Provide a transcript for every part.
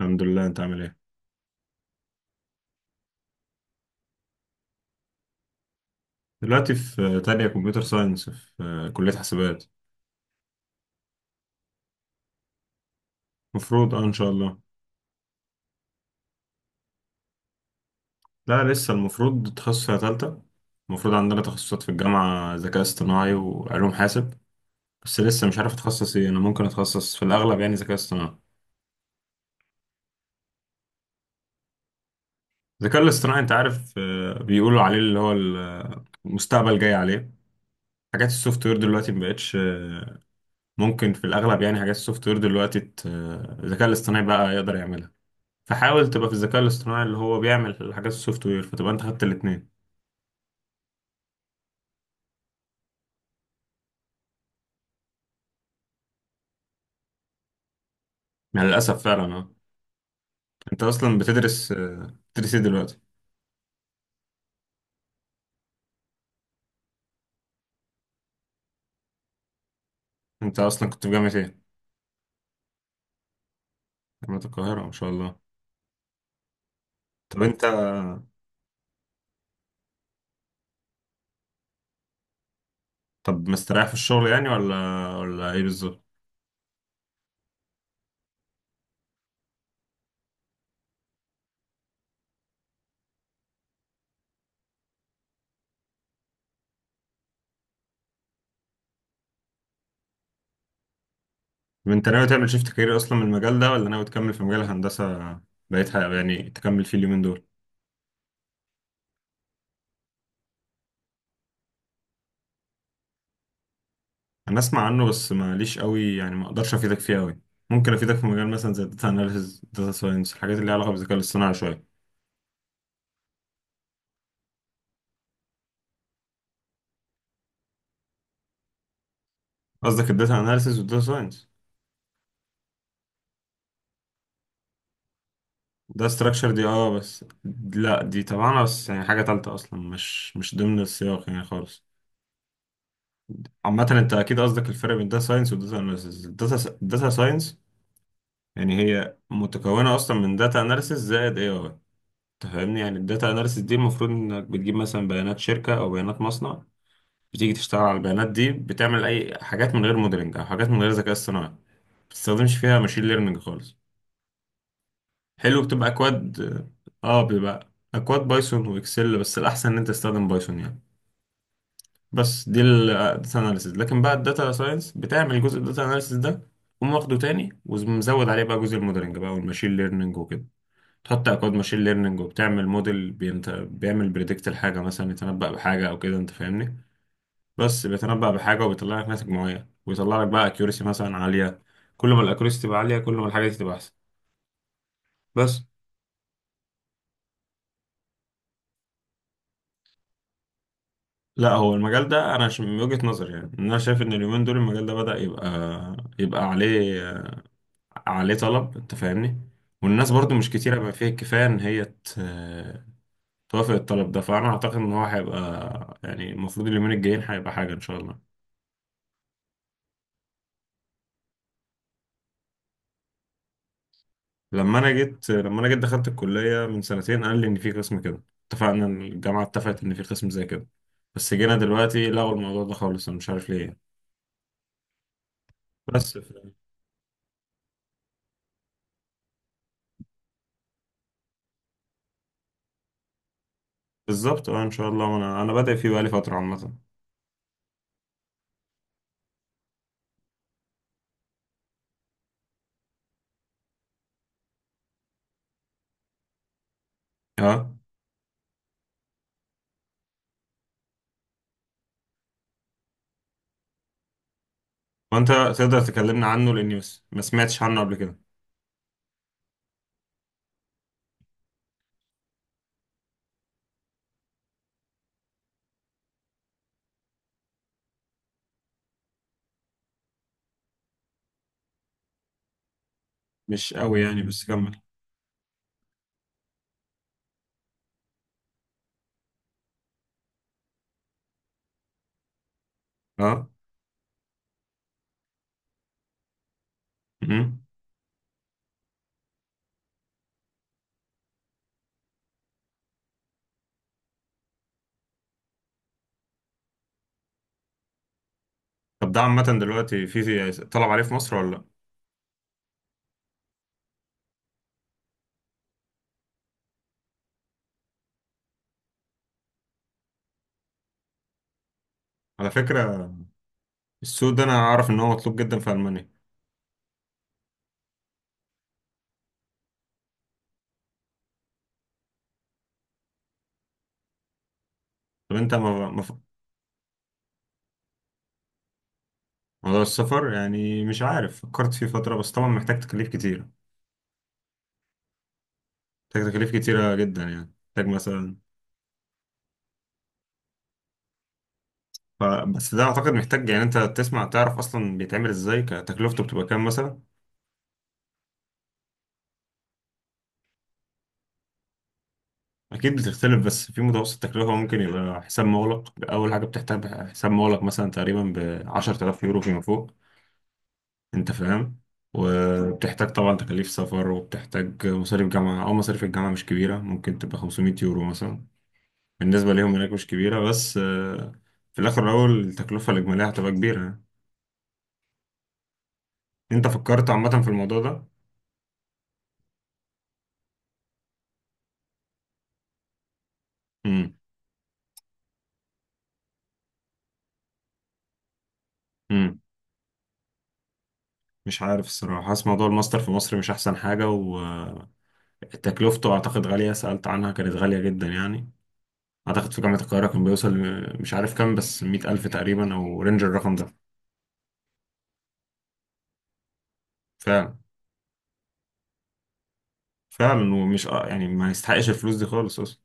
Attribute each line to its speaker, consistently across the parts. Speaker 1: الحمد لله، انت عامل ايه؟ دلوقتي في تانية كمبيوتر ساينس في كلية حسابات. مفروض، اه، ان شاء الله. لا لسه، المفروض تخصصها تالتة. المفروض عندنا تخصصات في الجامعة: ذكاء اصطناعي وعلوم حاسب. بس لسه مش عارف اتخصص ايه، انا ممكن اتخصص في الاغلب يعني ذكاء اصطناعي. الذكاء الاصطناعي انت عارف، بيقولوا عليه اللي هو المستقبل جاي عليه. حاجات السوفت وير دلوقتي مبقتش. ممكن في الاغلب يعني حاجات السوفت وير دلوقتي الذكاء الاصطناعي بقى يقدر يعملها. فحاول تبقى في الذكاء الاصطناعي اللي هو بيعمل الحاجات السوفت وير، فتبقى انت خدت الاثنين. يعني للاسف فعلا، اه. انت اصلا بتدرس ايه دلوقتي؟ انت اصلا كنت في جامعة ايه؟ جامعة القاهرة، ما شاء الله. طب انت، طب مستريح في الشغل يعني، ولا ولا ايه بالظبط؟ طب انت ناوي تعمل شيفت كارير اصلا من المجال ده، ولا ناوي تكمل في مجال الهندسة بقيتها يعني، تكمل فيه اليومين دول؟ انا اسمع عنه بس ماليش قوي، يعني ما اقدرش افيدك فيه قوي. ممكن افيدك في مجال مثلا زي الداتا اناليسز، داتا ساينس، الحاجات اللي ليها علاقة بالذكاء الاصطناعي شوية. قصدك الداتا اناليسز والداتا ساينس؟ ده استراكشر، دي اه بس. لا دي طبعا بس يعني حاجة تالتة أصلا، مش مش ضمن السياق يعني خالص. عامة أنت أكيد قصدك الفرق بين داتا ساينس وداتا أناليسيز. الداتا داتا ساينس يعني هي متكونة أصلا من داتا أناليسيز زائد أي أي، فاهمني؟ يعني الداتا أناليسيز دي المفروض إنك بتجيب مثلا بيانات شركة أو بيانات مصنع. بتيجي تشتغل على البيانات دي، بتعمل أي حاجات من غير موديلنج أو حاجات من غير ذكاء اصطناعي، ما بتستخدمش فيها ماشين ليرنينج خالص. حلو، بتبقى اكواد. اه، بيبقى اكواد بايثون واكسل، بس الاحسن ان انت تستخدم بايثون يعني. بس دي الداتا اناليسيس. لكن بقى الداتا ساينس بتعمل جزء الداتا اناليسيس ده، قوم واخده تاني ومزود عليه بقى جزء الموديلنج بقى والماشين ليرنينج وكده. تحط اكواد ماشين ليرنينج وبتعمل موديل، بيعمل بريدكت الحاجه مثلا، يتنبأ بحاجه او كده، انت فاهمني؟ بس بيتنبأ بحاجه وبيطلع لك ناتج معين، ويطلع لك بقى اكيورسي مثلا عاليه. كل ما الاكيورسي تبقى عاليه، كل ما الحاجه دي تبقى احسن. بس لا، هو المجال ده انا من وجهة نظري يعني، إن انا شايف ان اليومين دول المجال ده بدأ يبقى، يبقى عليه عليه طلب، انت فاهمني؟ والناس برضو مش كتيرة بقى فيها الكفاية ان هي توافق الطلب ده. فانا اعتقد ان هو هيبقى يعني المفروض اليومين الجايين هيبقى حاجة ان شاء الله. لما انا جيت دخلت الكلية من سنتين، قال لي ان في قسم كده، اتفقنا إن الجامعة اتفقت ان في قسم زي كده. بس جينا دلوقتي لغوا الموضوع ده خالص، انا مش عارف ليه يعني. بس ف- بالظبط اه، ان شاء الله. انا بادئ فيه بقالي فترة عامة. اه، وانت تقدر تكلمنا عنه، لاني بس ما سمعتش عنه قبل كده. مش قوي يعني، بس كمل. اه. امم. طب ده عامة دلوقتي في طلب عليه في مصر، ولا لا؟ على فكرة، السوق ده انا اعرف ان هو مطلوب جدا في المانيا. طب انت موضوع السفر يعني مش عارف، فكرت فيه فترة بس طبعا محتاج تكاليف كتير. محتاج تكاليف كتيرة جدا يعني، محتاج مثلا، بس ده اعتقد محتاج يعني انت تسمع تعرف اصلا بيتعمل ازاي، كتكلفته بتبقى كام مثلا. أكيد بتختلف، بس في متوسط تكلفة. ممكن يبقى حساب مغلق، أول حاجة بتحتاج حساب مغلق، مثلا تقريبا ب10,000 يورو فيما فوق، أنت فاهم؟ وبتحتاج طبعا تكاليف سفر، وبتحتاج مصاريف جامعة، أو مصاريف الجامعة مش كبيرة، ممكن تبقى 500 يورو مثلا، بالنسبة ليهم هناك مش كبيرة، بس آه، في الآخر الأول التكلفة الإجمالية هتبقى كبيرة. أنت فكرت عامة في الموضوع ده؟ مم. مم. مش عارف الصراحة، حاسس موضوع الماستر في مصر مش أحسن حاجة، وتكلفته أعتقد غالية. سألت عنها كانت غالية جدا يعني. اعتقد في جامعة القاهرة كان بيوصل ل- مش عارف كام، بس 100,000 تقريبا او رينج الرقم ده. فعلا. فعلا ومش يعني ما يستحقش الفلوس دي خالص اصلا.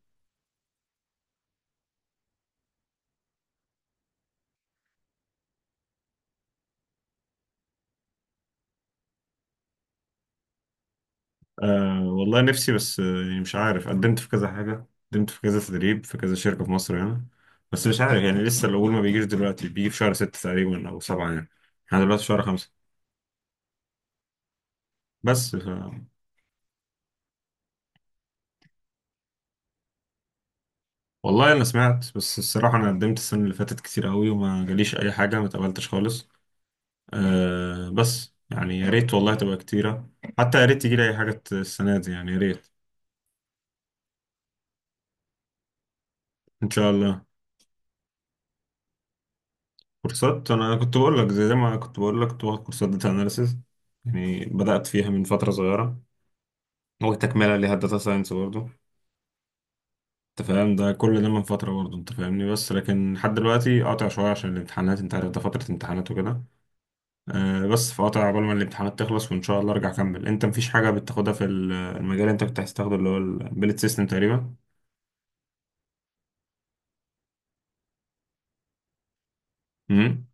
Speaker 1: أه والله نفسي، بس آه، يعني مش عارف. قدمت في كذا حاجة، قدمت في كذا تدريب، في كذا شركة في مصر هنا. بس مش عارف يعني، لسه القبول ما بيجيش دلوقتي، بيجي في شهر 6 تقريبا او 7 يعني. احنا دلوقتي في شهر 5. بس ف... والله انا سمعت، بس الصراحة انا قدمت السنة اللي فاتت كتير قوي وما جاليش اي حاجة، ما اتقبلتش خالص. أه بس يعني يا ريت والله تبقى كتيرة. حتى يا ريت تجي لي أي حاجة السنة دي يعني يا ريت. إن شاء الله. كورسات، أنا كنت بقول لك زي ما كنت بقول لك، كنت باخد كورسات داتا أناليسيز. يعني بدأت فيها من فترة صغيرة. هو تكملة ليها داتا ساينس برضه. أنت فاهم ده، كل ده من فترة برضه، أنت فاهمني؟ بس لكن لحد دلوقتي قاطع شوية عشان الامتحانات، أنت عارف ده فترة امتحانات وكده. أه، بس فقاطع عقبال ما الامتحانات تخلص، وإن شاء الله أرجع أكمل. أنت مفيش حاجة بتاخدها في المجال اللي أنت كنت عايز تاخده اللي هو البيلت سيستم تقريبا؟ مم.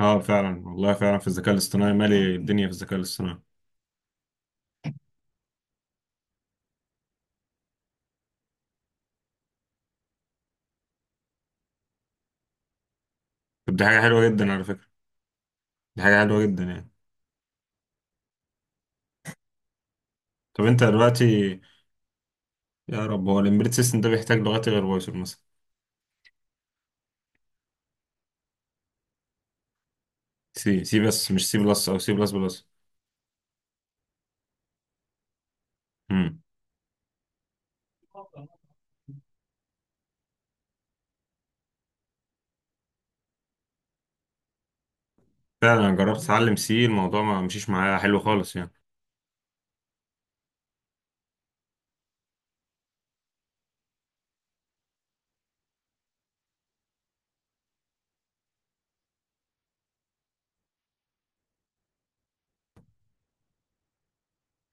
Speaker 1: اه فعلا والله، فعلا في الذكاء الاصطناعي مالي الدنيا، في الذكاء الاصطناعي. طب دي حاجة حلوة جدا على فكرة. دي حاجة حلوة جدا يعني. طب انت دلوقتي. يا رب. هو الامبيدد سيستم ده بيحتاج لغات غير بايثون مثلا؟ سي سي بس، مش سي بلس او سي بلس بلس. امم. فعلا انا جربت اتعلم سي، الموضوع ما مشيش معايا حلو خالص يعني.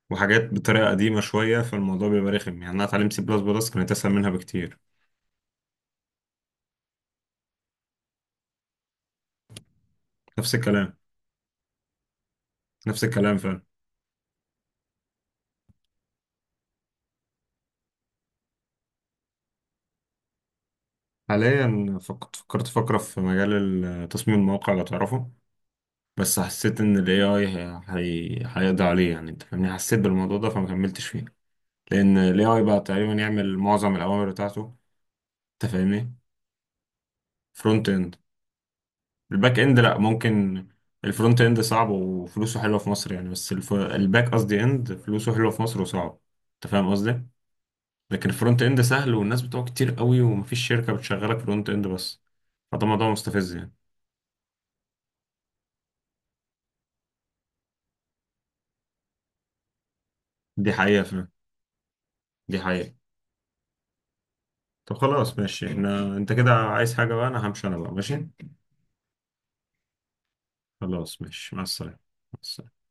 Speaker 1: وحاجات بطريقة قديمة شوية، فالموضوع بيبقى رخم يعني. انا اتعلمت سي بلس بلس، كانت اسهل منها بكتير. نفس الكلام. نفس الكلام فعلا. حاليا فكرت فكرة في مجال تصميم المواقع لو تعرفه. بس حسيت ان الاي اي هيقضي عليه يعني، انت فاهمني؟ حسيت بالموضوع ده فما كملتش فيه. لان الاي اي بقى تقريبا يعمل معظم الاوامر بتاعته، انت فاهمني؟ فرونت اند. الباك اند لا ممكن. الفرونت اند صعب وفلوسه حلوه في مصر يعني، بس الباك قصدي اند، فلوسه حلوه في مصر وصعب، انت فاهم قصدي؟ لكن الفرونت اند سهل، والناس بتوعه كتير قوي، ومفيش شركه بتشغلك فرونت اند بس. فده موضوع مستفز يعني. دي حقيقه فعلا. دي حقيقه. طب خلاص ماشي، احنا انت كده عايز حاجه بقى، انا همشي، انا بقى ماشي. خلاص ماشي، مع السلامة. مع السلامة.